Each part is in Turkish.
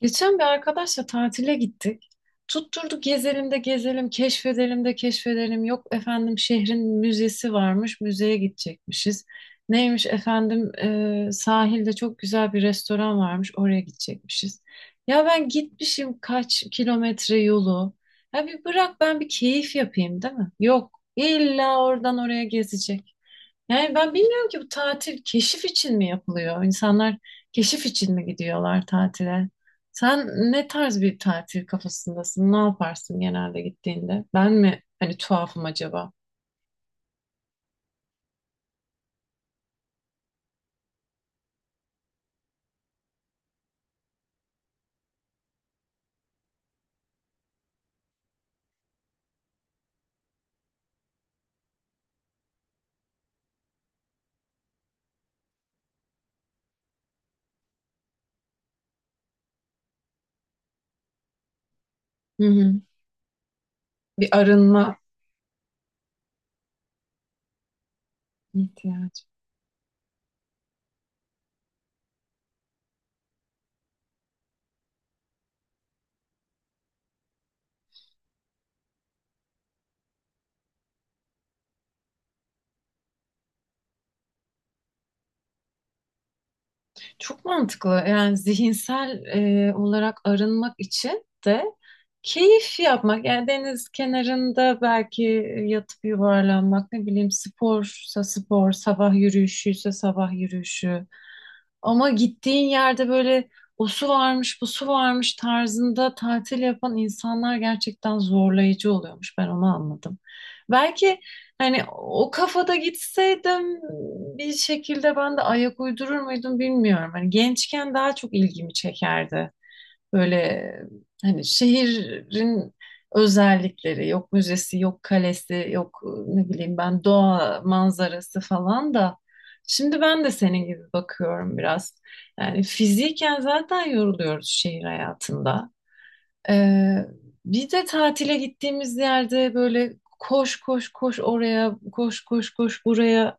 Geçen bir arkadaşla tatile gittik. Tutturduk gezelim de gezelim, keşfedelim de keşfedelim. Yok efendim şehrin müzesi varmış, müzeye gidecekmişiz. Neymiş efendim, sahilde çok güzel bir restoran varmış, oraya gidecekmişiz. Ya ben gitmişim kaç kilometre yolu. Ya bir bırak ben bir keyif yapayım, değil mi? Yok, illa oradan oraya gezecek. Yani ben bilmiyorum ki bu tatil keşif için mi yapılıyor? İnsanlar keşif için mi gidiyorlar tatile? Sen ne tarz bir tatil kafasındasın? Ne yaparsın genelde gittiğinde? Ben mi hani tuhafım acaba? Hı hı. Bir arınma ihtiyacı. Çok mantıklı. Yani zihinsel olarak arınmak için de keyif yapmak. Yani deniz kenarında belki yatıp yuvarlanmak, ne bileyim sporsa spor, sabah yürüyüşüyse sabah yürüyüşü. Ama gittiğin yerde böyle o su varmış, bu su varmış tarzında tatil yapan insanlar gerçekten zorlayıcı oluyormuş. Ben onu anladım. Belki hani o kafada gitseydim bir şekilde ben de ayak uydurur muydum bilmiyorum. Hani gençken daha çok ilgimi çekerdi. Böyle hani şehrin özellikleri yok, müzesi yok, kalesi yok, ne bileyim ben doğa manzarası falan da şimdi ben de senin gibi bakıyorum biraz. Yani fiziken zaten yoruluyoruz şehir hayatında. Ee, bir de tatile gittiğimiz yerde böyle koş koş koş oraya, koş koş koş buraya,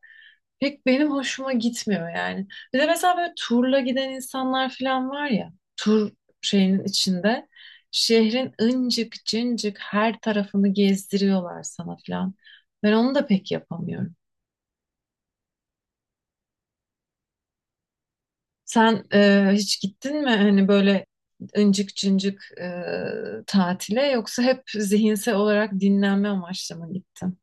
pek benim hoşuma gitmiyor yani. Bir de mesela böyle turla giden insanlar falan var ya, tur şeyinin içinde şehrin ıncık cıncık her tarafını gezdiriyorlar sana falan. Ben onu da pek yapamıyorum. Sen hiç gittin mi hani böyle ıncık cıncık tatile, yoksa hep zihinsel olarak dinlenme amaçlı mı gittin?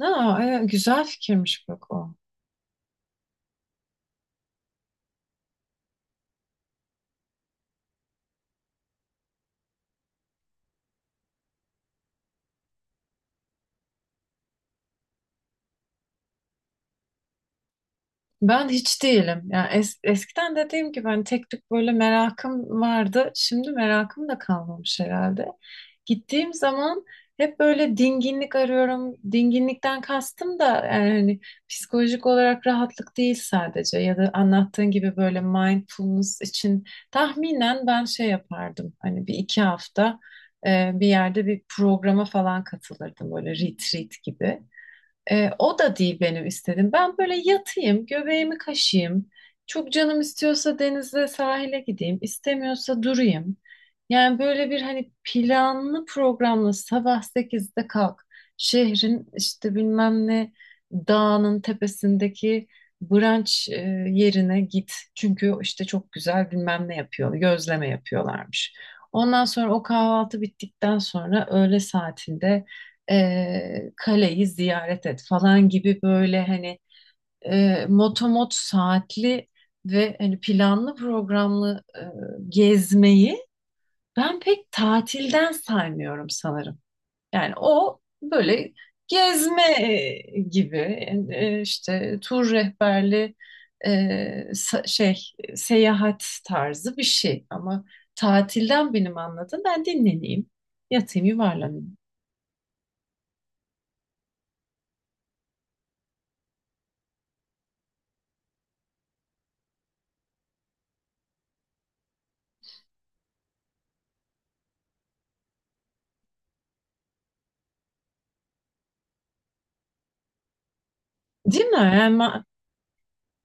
Aa, güzel fikirmiş bak o. Ben hiç değilim. Yani eskiden dediğim gibi hani tek tük böyle merakım vardı. Şimdi merakım da kalmamış herhalde. Gittiğim zaman hep böyle dinginlik arıyorum. Dinginlikten kastım da yani hani psikolojik olarak rahatlık değil sadece, ya da anlattığın gibi böyle mindfulness için tahminen ben şey yapardım. Hani bir iki hafta bir yerde bir programa falan katılırdım, böyle retreat gibi. E, o da değil benim istedim. Ben böyle yatayım, göbeğimi kaşıyım. Çok canım istiyorsa denize, sahile gideyim, istemiyorsa durayım. Yani böyle bir hani planlı programlı sabah 8'de kalk. Şehrin işte bilmem ne dağının tepesindeki brunch yerine git. Çünkü işte çok güzel bilmem ne yapıyor, gözleme yapıyorlarmış. Ondan sonra o kahvaltı bittikten sonra öğle saatinde kaleyi ziyaret et falan gibi böyle hani motomot saatli ve hani planlı programlı gezmeyi ben pek tatilden saymıyorum sanırım. Yani o böyle gezme gibi, işte tur rehberli, e, sa- şey seyahat tarzı bir şey ama tatilden benim anladığım ben dinleneyim, yatayım, yuvarlanayım. Değil mi? Yani,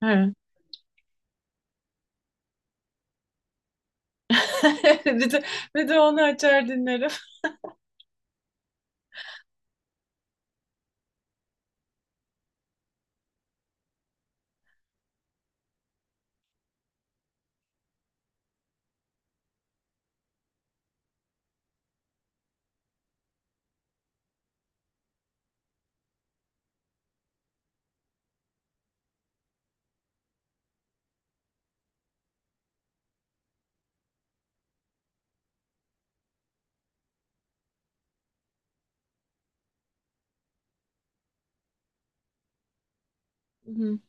he. Bir de, bir de, onu açar dinlerim. Hı hı.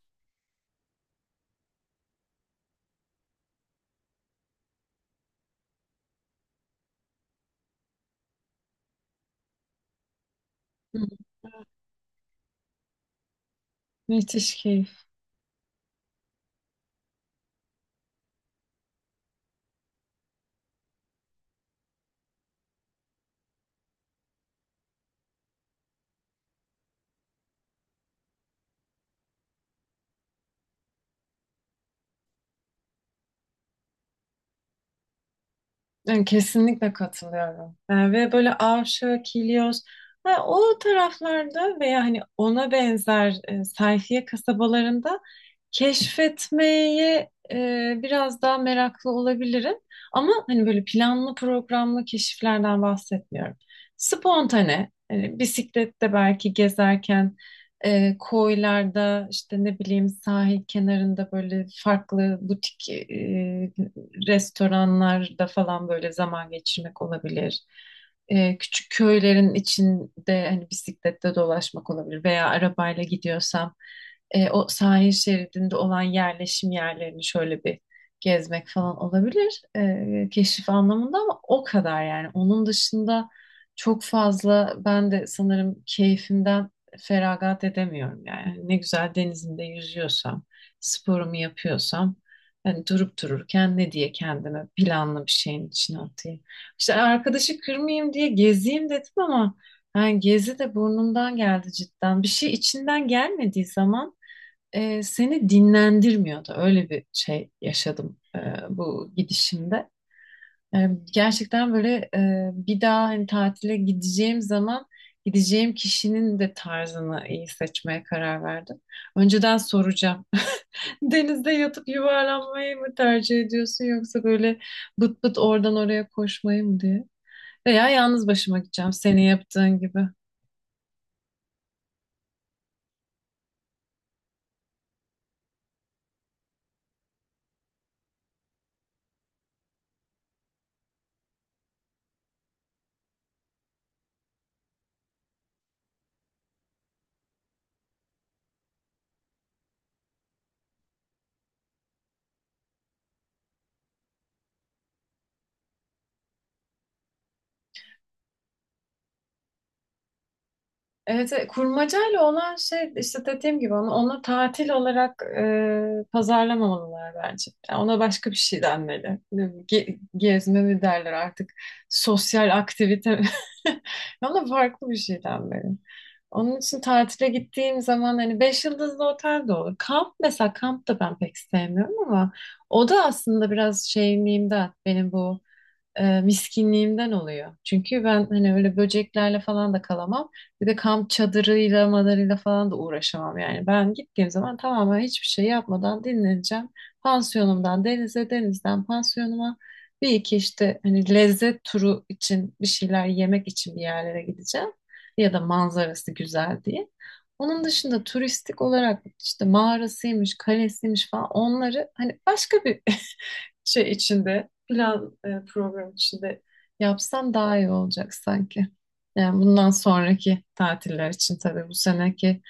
Müthiş keyif. Yani kesinlikle katılıyorum. Yani ve böyle Avşa, Kilyos ha, o taraflarda veya hani ona benzer sayfiye kasabalarında keşfetmeye biraz daha meraklı olabilirim. Ama hani böyle planlı programlı keşiflerden bahsetmiyorum. Spontane, hani bisiklette belki gezerken koylarda, işte ne bileyim sahil kenarında böyle farklı butik restoranlarda falan böyle zaman geçirmek olabilir. Küçük köylerin içinde hani bisikletle dolaşmak olabilir, veya arabayla gidiyorsam o sahil şeridinde olan yerleşim yerlerini şöyle bir gezmek falan olabilir keşif anlamında, ama o kadar yani. Onun dışında çok fazla ben de sanırım keyfimden feragat edemiyorum yani. Hani ne güzel denizimde yüzüyorsam, sporumu yapıyorsam, hani durup dururken ne diye kendime planlı bir şeyin içine atayım. İşte arkadaşı kırmayayım diye gezeyim dedim ama yani gezi de burnumdan geldi cidden. Bir şey içinden gelmediği zaman seni dinlendirmiyordu. Öyle bir şey yaşadım bu gidişimde. E, gerçekten böyle, bir daha hani tatile gideceğim zaman gideceğim kişinin de tarzını iyi seçmeye karar verdim. Önceden soracağım. Denizde yatıp yuvarlanmayı mı tercih ediyorsun, yoksa böyle bıt bıt oradan oraya koşmayı mı diye? Veya yalnız başıma gideceğim senin yaptığın gibi. Evet, evet, kurmacayla olan şey işte dediğim gibi onu, onu tatil olarak pazarlamamalılar bence. Yani ona başka bir şey denmeli. Gezme mi derler artık? Sosyal aktivite mi? Ona farklı bir şey denmeli. Onun için tatile gittiğim zaman hani 5 yıldızlı otel de olur. Kamp, mesela kamp da ben pek sevmiyorum ama o da aslında biraz şeyimliğimden, benim bu miskinliğimden oluyor. Çünkü ben hani öyle böceklerle falan da kalamam. Bir de kamp çadırıyla, madarıyla falan da uğraşamam yani. Ben gittiğim zaman tamamen hiçbir şey yapmadan dinleneceğim. Pansiyonumdan denize, denizden pansiyonuma. Bir iki işte hani lezzet turu için bir şeyler yemek için bir yerlere gideceğim. Ya da manzarası güzel diye. Onun dışında turistik olarak işte mağarasıymış, kalesiymiş falan, onları hani başka bir şey içinde, program içinde yapsam daha iyi olacak sanki. Yani bundan sonraki tatiller için, tabii bu seneki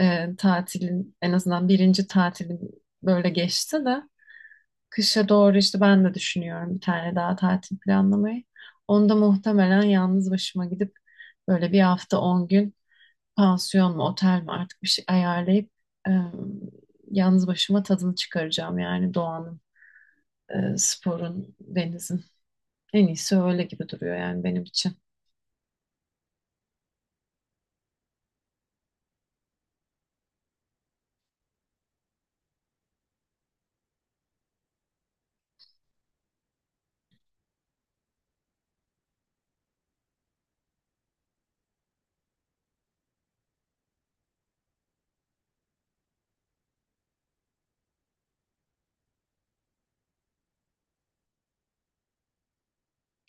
tatilin en azından birinci tatilim böyle geçti de kışa doğru işte ben de düşünüyorum bir tane daha tatil planlamayı. Onda muhtemelen yalnız başıma gidip böyle bir hafta 10 gün pansiyon mu otel mi artık bir şey ayarlayıp e, yalnız başıma tadını çıkaracağım yani doğanın, sporun, denizin. En iyisi öyle gibi duruyor yani benim için.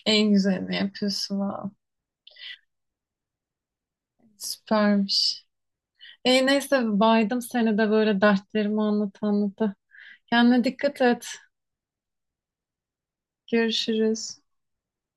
En güzelini yapıyorsun. Vav. Süpermiş. Neyse baydım seni de böyle dertlerimi anlat anlata. Kendine dikkat et. Görüşürüz.